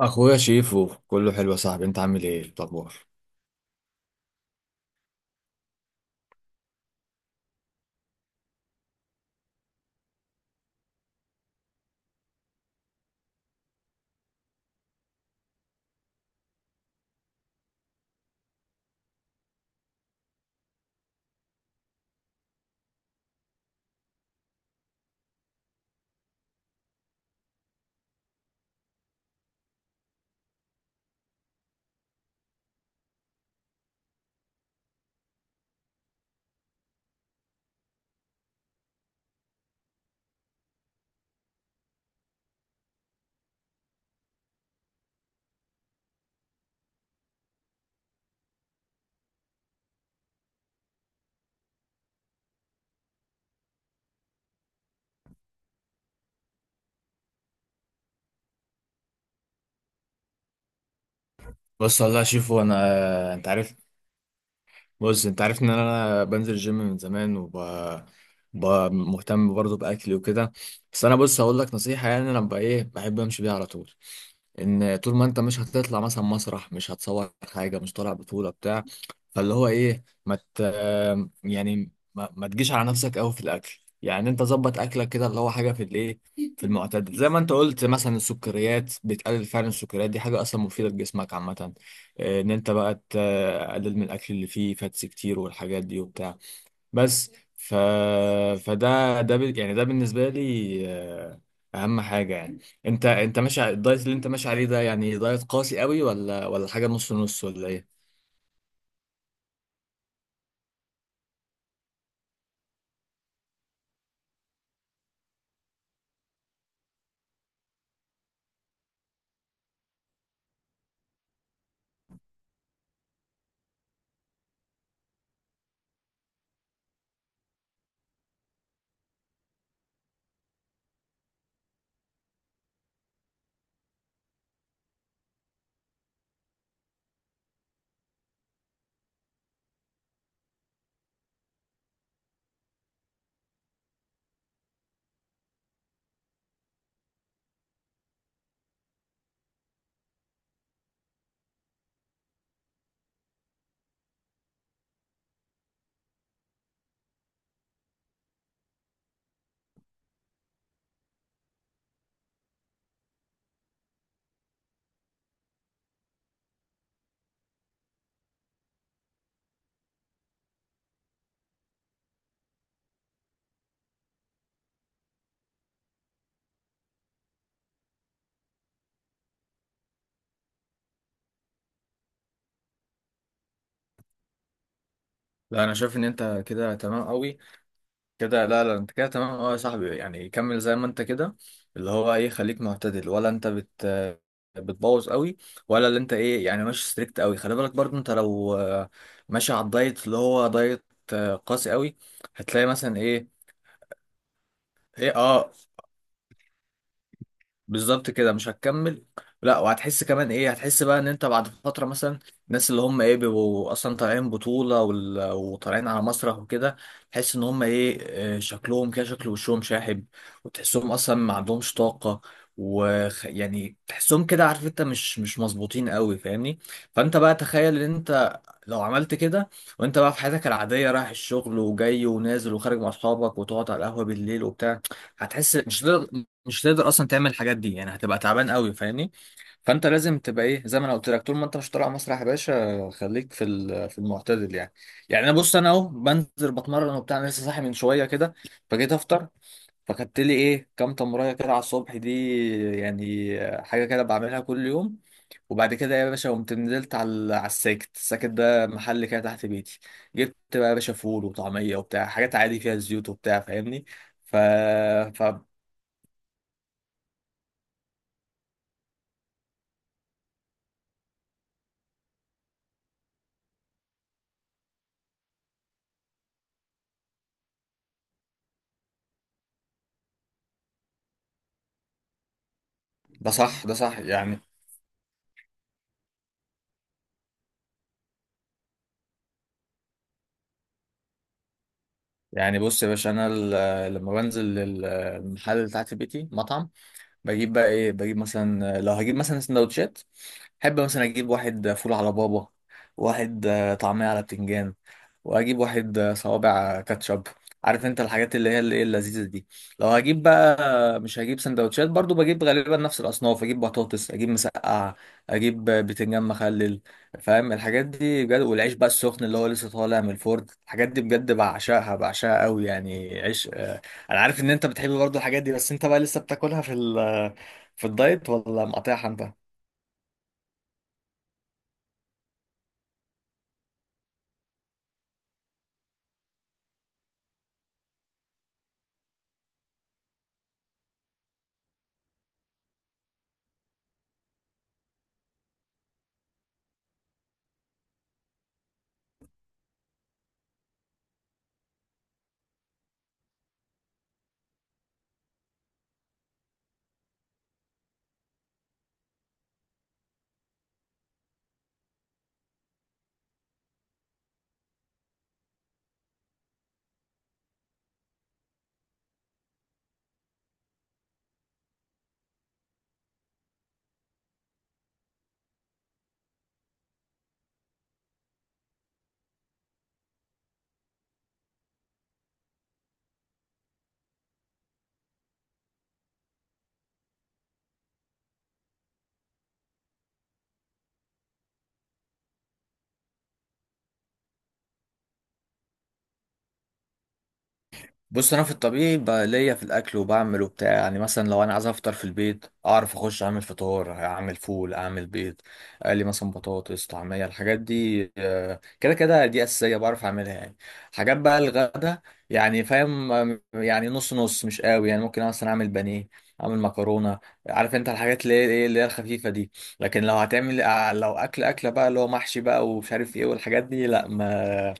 اخويا شيفو، كله حلو يا صاحبي. انت عامل إيه الاخبار؟ بص والله يا شيفو. انت عارف. انت عارف ان انا بنزل الجيم من زمان، وب ب- مهتم برضه باكلي وكده. بس انا، بص، هقول لك نصيحه، يعني انا بقى ايه بحب امشي بيها على طول. ان طول ما انت مش هتطلع مثلا مسرح، مش هتصور حاجه، مش طالع بطوله بتاع، فاللي هو ايه ما مت... يعني ما تجيش على نفسك قوي في الاكل. يعني انت ظبط اكلك كده، اللي هو حاجه في الايه، في المعتدل. زي ما انت قلت، مثلا السكريات بتقلل، فعلا السكريات دي حاجه اصلا مفيده لجسمك عامه. ان انت بقى تقلل من الاكل اللي فيه فاتس كتير والحاجات دي وبتاع. بس ف... يعني ده بالنسبه لي، اهم حاجه يعني. انت ماشي على الدايت اللي انت ماشي عليه ده، يعني دايت قاسي قوي ولا حاجه نص نص ولا ايه؟ لا، انا شايف ان انت كده تمام قوي. كده لا لا، انت كده تمام، اه يا صاحبي، يعني كمل زي ما انت كده. اللي هو ايه خليك معتدل، ولا انت بتبوظ قوي، ولا اللي انت ايه يعني ماشي ستريكت قوي. خلي بالك برضو، انت لو ماشي على الدايت اللي هو دايت قاسي قوي، هتلاقي مثلا ايه اه، بالظبط كده مش هتكمل. لا، وهتحس كمان ايه. هتحس بقى ان انت بعد فتره مثلا، الناس اللي هم ايه بيبقوا اصلا طالعين بطوله وطالعين على مسرح وكده، تحس ان هم ايه، شكلهم كده شكل وشهم شاحب، وتحسهم اصلا ما عندهمش طاقه، ويعني تحسهم كده، عارف انت، مش مظبوطين قوي فاهمني. فانت بقى تخيل ان انت لو عملت كده، وانت بقى في حياتك العاديه رايح الشغل وجاي ونازل وخارج مع اصحابك وتقعد على القهوه بالليل وبتاع، هتحس مش هتقدر. مش هتقدر اصلا تعمل الحاجات دي، يعني هتبقى تعبان قوي فاهمني. فانت لازم تبقى ايه، زي ما انا قلت لك، طول ما انت مش طالع مسرح يا باشا خليك في في المعتدل يعني. يعني انا، بص، انا اهو بنزل بتمرن وبتاع. أنا لسه صاحي من شويه كده فجيت افطر، فخدت لي ايه كام تمريه كده على الصبح دي يعني، حاجه كده بعملها كل يوم. وبعد كده يا باشا قمت نزلت على على الساكت الساكت ده، محل كده تحت بيتي. جبت بقى يا باشا فول وطعميه وبتاع، حاجات عادي فيها زيوت وبتاع فاهمني. ف... ده صح ده صح يعني. يعني بص يا باشا، انا لما بنزل المحل اللي تحت بيتي مطعم، بجيب بقى ايه، بجيب مثلا لو هجيب مثلا سندوتشات، احب مثلا اجيب واحد فول على بابا، واحد طعمية على بتنجان، واجيب واحد صوابع كاتشب. عارف انت الحاجات اللي هي اللي إيه اللذيذة دي. لو هجيب بقى مش هجيب سندوتشات، برضو بجيب غالبا نفس الاصناف، اجيب بطاطس، اجيب مسقعة، اجيب بتنجان مخلل. فاهم الحاجات دي بجد. والعيش بقى السخن اللي هو لسه طالع من الفرن، الحاجات دي بجد بعشقها بعشقها قوي يعني، عيش. انا عارف ان انت بتحب برضو الحاجات دي، بس انت بقى لسه بتاكلها في في الدايت ولا مقاطعها انت؟ بص، انا في الطبيعي بقى ليا في الاكل وبعمل وبتاع، يعني مثلا لو انا عايز افطر في البيت اعرف اخش اعمل فطار، اعمل فول، اعمل بيض، اقلي مثلا بطاطس، طعميه. الحاجات دي كده كده، دي اساسيه بعرف اعملها يعني. حاجات بقى الغدا يعني فاهم يعني نص نص مش قوي. يعني ممكن مثلا اعمل بانيه، اعمل مكرونه. عارف انت الحاجات اللي هي ايه اللي هي الخفيفه دي. لكن لو هتعمل لو اكل اكله بقى اللي هو محشي بقى ومش عارف ايه والحاجات دي، لا، ما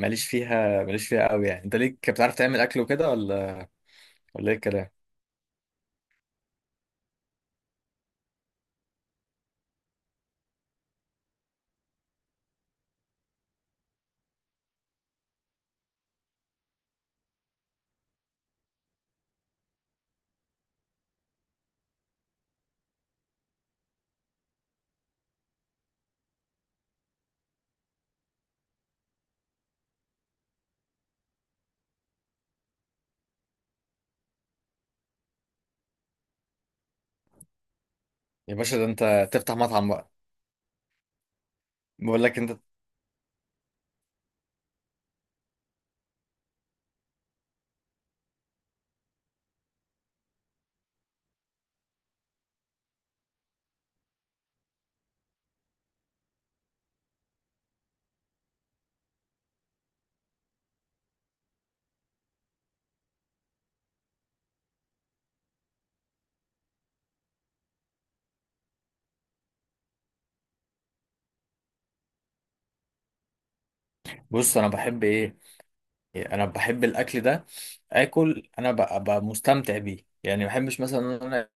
ماليش فيها، ماليش فيها قوي يعني. انت ليك بتعرف تعمل اكل وكده، ولا ايه الكلام؟ يا باشا ده انت تفتح مطعم بقى. بقول لك انت، بص، انا بحب ايه، انا بحب الاكل ده اكل. انا ببقى مستمتع بيه يعني. ما بحبش مثلا ان انا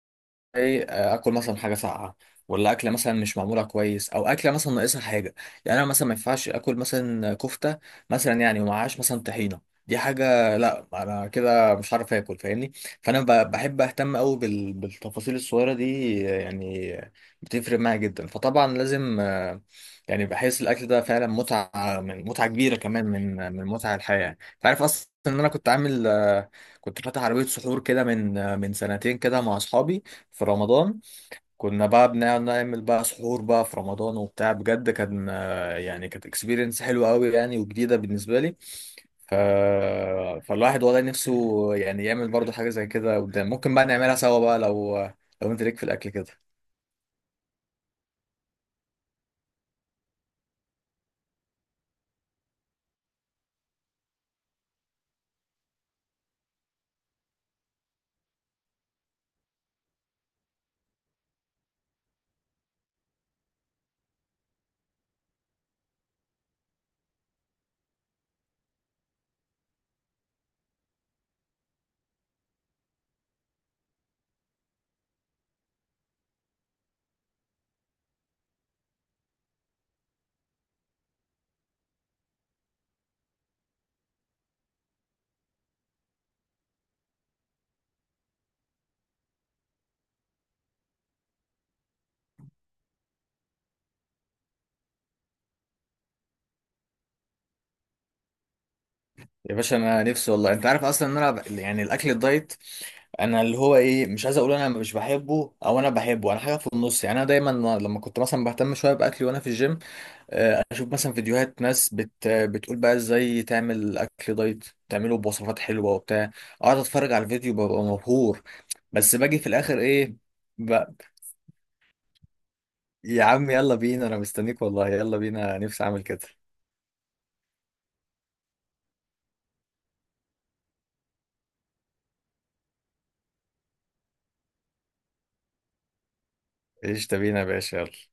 ايه اكل مثلا حاجه ساقعه، ولا اكله مثلا مش معموله كويس، او اكله مثلا ناقصها حاجه. يعني انا مثلا ما ينفعش اكل مثلا كفته مثلا يعني، ومعهاش مثلا طحينه، دي حاجه، لا، انا كده مش عارف اكل فاهمني. فانا بحب اهتم قوي بالتفاصيل الصغيره دي يعني، بتفرق معايا جدا. فطبعا لازم يعني بحس الاكل ده فعلا متعه، من متعه كبيره كمان، من متع الحياه. انت عارف اصلا ان انا كنت عامل آه، كنت فاتح عربيه سحور كده من سنتين كده مع اصحابي في رمضان. كنا بقى بنقعد نعمل بقى سحور بقى في رمضان وبتاع، بجد كان يعني كانت اكسبيرينس حلوه قوي يعني، وجديده بالنسبه لي. ف... فالواحد والله نفسه يعني يعمل برضو حاجه زي كده قدام، ممكن بقى نعملها سوا بقى لو انت ليك في الاكل كده. يا باشا انا نفسي والله. انت عارف اصلا ان انا يعني الاكل الدايت، انا اللي هو ايه، مش عايز اقول انا مش بحبه او انا بحبه، انا حاجه في النص يعني. انا دايما لما كنت مثلا بهتم شويه باكلي وانا في الجيم، اشوف مثلا فيديوهات ناس بتقول بقى ازاي تعمل اكل دايت، تعمله بوصفات حلوه وبتاع، اقعد اتفرج على الفيديو ببقى مبهور. بس باجي في الاخر ايه ب... يا عم يلا بينا، انا مستنيك والله، يلا بينا، نفسي اعمل كده. ايش بينا يا باشا يلا.